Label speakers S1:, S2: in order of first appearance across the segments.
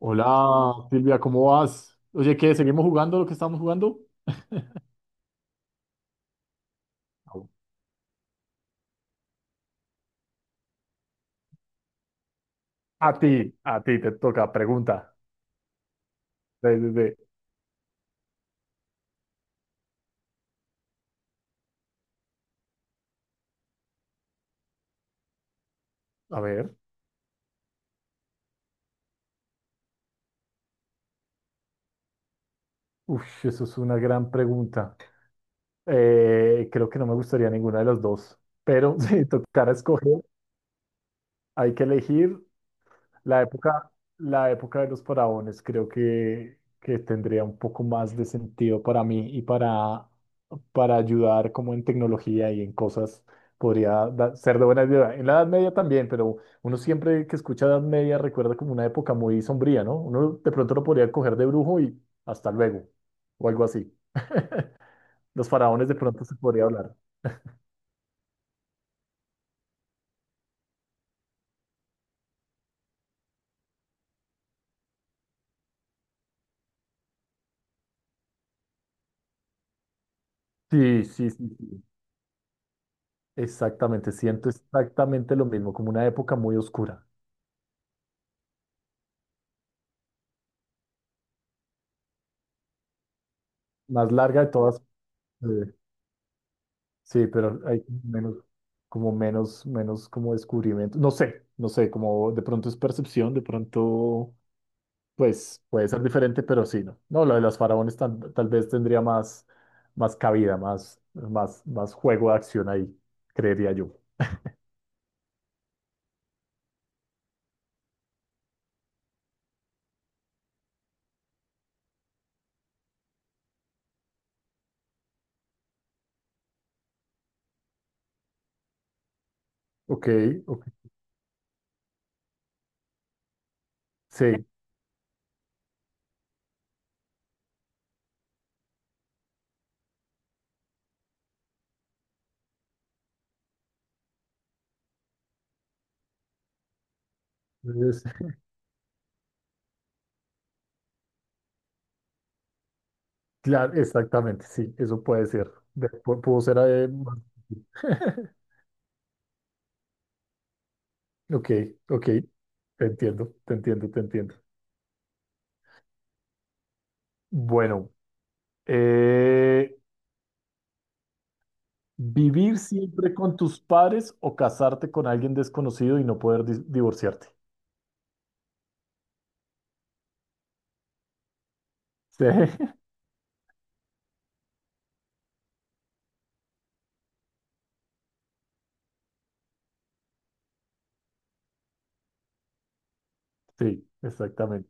S1: Hola Silvia, ¿cómo vas? Oye, ¿qué? ¿Seguimos jugando lo que estábamos jugando? No. A ti te toca, pregunta. De- de- de- A ver, uf, eso es una gran pregunta. Creo que no me gustaría ninguna de las dos, pero si tocara escoger, hay que elegir. La época, la época de los faraones creo que tendría un poco más de sentido para mí y para ayudar como en tecnología y en cosas ser de buena ayuda. En la Edad Media también, pero uno siempre que escucha Edad Media recuerda como una época muy sombría, ¿no? Uno de pronto lo podría coger de brujo y hasta luego, o algo así. Los faraones de pronto se podría hablar. Sí, sí, sí, sí. Exactamente, siento exactamente lo mismo, como una época muy oscura, más larga de todas. Sí, sí, pero hay menos, como menos, menos como descubrimiento. No sé, no sé, como de pronto es percepción, de pronto, pues puede ser diferente, pero sí, no. No, lo de las faraones tal, tal vez tendría más, más cabida, más juego de acción ahí, creería yo. Ok, ok. Sí, entonces, claro, exactamente, sí, eso puede ser. Pudo ser. Ok, ok, te entiendo, te entiendo, te entiendo. Bueno, eh, ¿vivir siempre con tus padres o casarte con alguien desconocido y no poder divorciarte? Sí, sí, exactamente.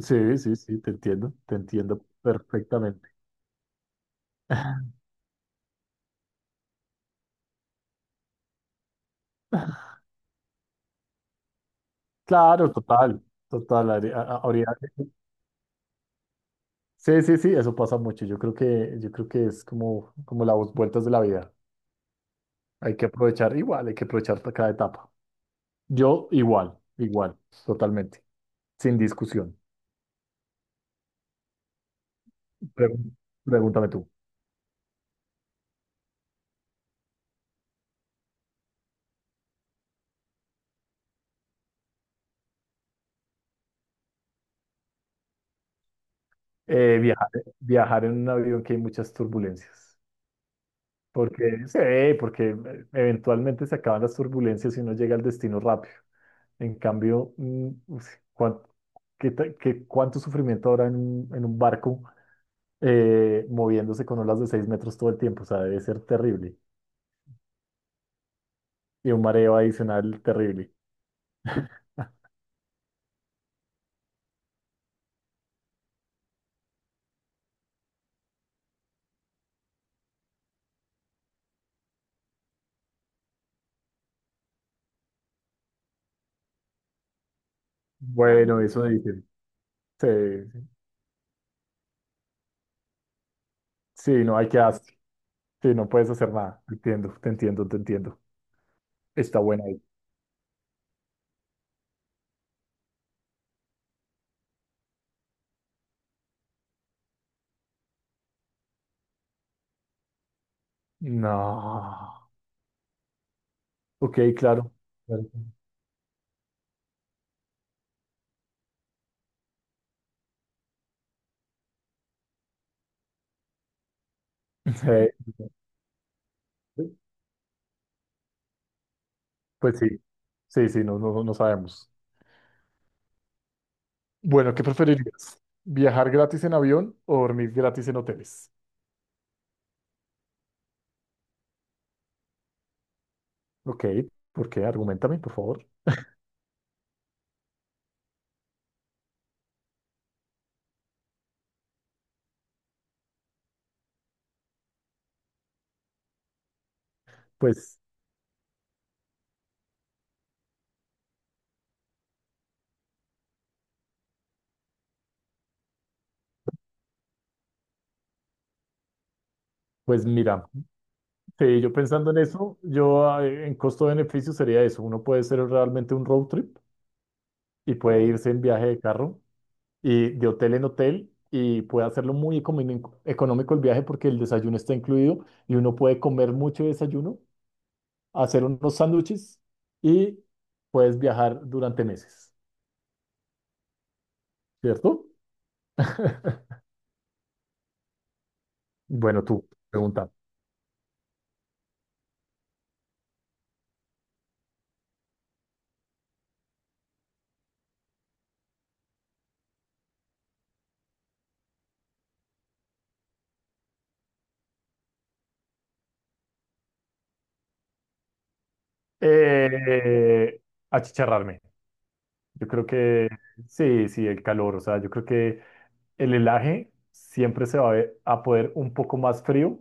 S1: Sí, sí, sí, te entiendo perfectamente. Claro, total, total. Habría... Sí, sí, sí, eso pasa mucho. Yo creo que es como, como las vueltas de la vida. Hay que aprovechar igual, hay que aprovechar cada etapa. Yo igual, igual, totalmente, sin discusión. Pre- Pregúntame tú. Viajar, viajar en un avión que hay muchas turbulencias. Porque, sí, porque eventualmente se acaban las turbulencias y uno llega al destino rápido. En cambio, cuán- ¿cuánto sufrimiento habrá en un barco moviéndose con olas de 6 metros todo el tiempo? O sea, debe ser terrible. Y un mareo adicional terrible. Bueno, eso dicen. Sí, sí, no hay que hacer. Sí, no puedes hacer nada. Entiendo, te entiendo, te entiendo. Está buena ahí. No. Ok, claro. Claro. Eh, pues sí, sí, sí, no, no, no sabemos. Bueno, ¿qué preferirías? ¿Viajar gratis en avión o dormir gratis en hoteles? Ok, ¿por qué? Argumentame, por favor. Pues, pues mira, sí, yo pensando en eso, en costo-beneficio sería eso. Uno puede ser realmente un road trip y puede irse en viaje de carro y de hotel en hotel y puede hacerlo muy económico el viaje porque el desayuno está incluido y uno puede comer mucho desayuno, hacer unos sándwiches y puedes viajar durante meses, ¿cierto? Bueno, tú, pregunta. Eh, Achicharrarme. Yo creo que sí, sí, el calor. O sea, yo creo que el helaje siempre se va a, a poder un poco más frío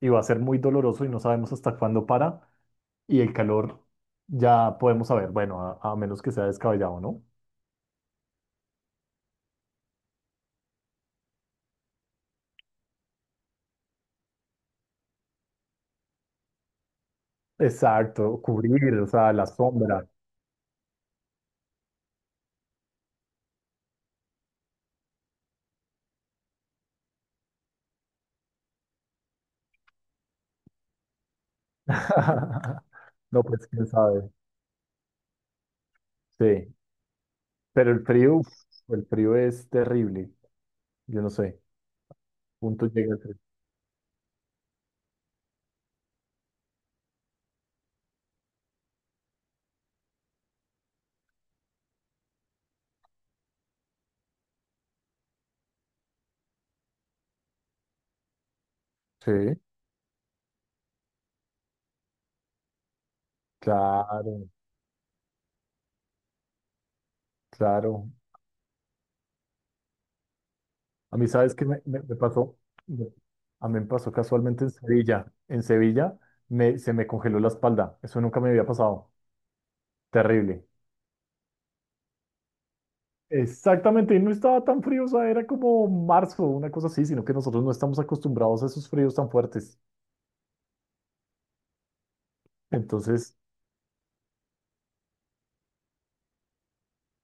S1: y va a ser muy doloroso y no sabemos hasta cuándo para. Y el calor ya podemos saber, bueno, a menos que sea descabellado, ¿no? Exacto, cubrir, o sea, la sombra. No, pues quién sabe. Sí, pero el frío, uf, el frío es terrible. Yo no sé, punto llega el frío. Sí, claro, claro. A mí, ¿sabes qué me pasó? Me- A mí me pasó casualmente en Sevilla. En Sevilla me, se me congeló la espalda. Eso nunca me había pasado. Terrible. Exactamente, y no estaba tan frío, o sea, era como marzo, una cosa así, sino que nosotros no estamos acostumbrados a esos fríos tan fuertes. Entonces,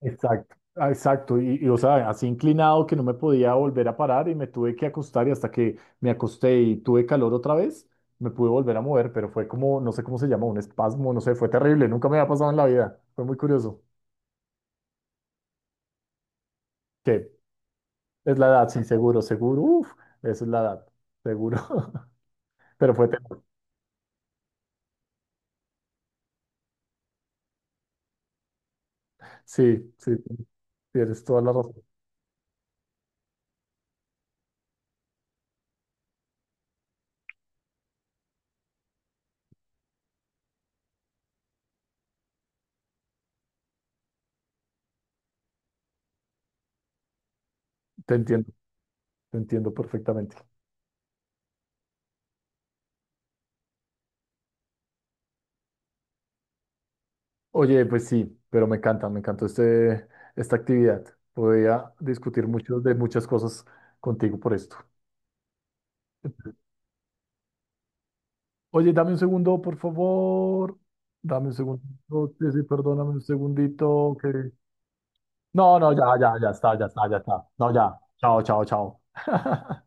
S1: exacto, ah, exacto. Y, o sea, así inclinado que no me podía volver a parar y me tuve que acostar y hasta que me acosté y tuve calor otra vez, me pude volver a mover, pero fue como, no sé cómo se llama, un espasmo, no sé, fue terrible, nunca me había pasado en la vida, fue muy curioso. ¿Qué? Es la edad, sí, seguro, seguro, uff, eso es la edad, seguro. Pero fue, terrible. Sí, sí, tienes toda la razón, te entiendo, te entiendo perfectamente. Oye, pues sí, pero me encanta, me encantó este, esta actividad. Podría discutir muchos de muchas cosas contigo por esto. Oye, dame un segundo, por favor. Dame un segundo. No, sí, sí, perdóname un segundito. No, no, ya, ya, ya está, ya está, ya está. No, ya. Chao, chao, chao.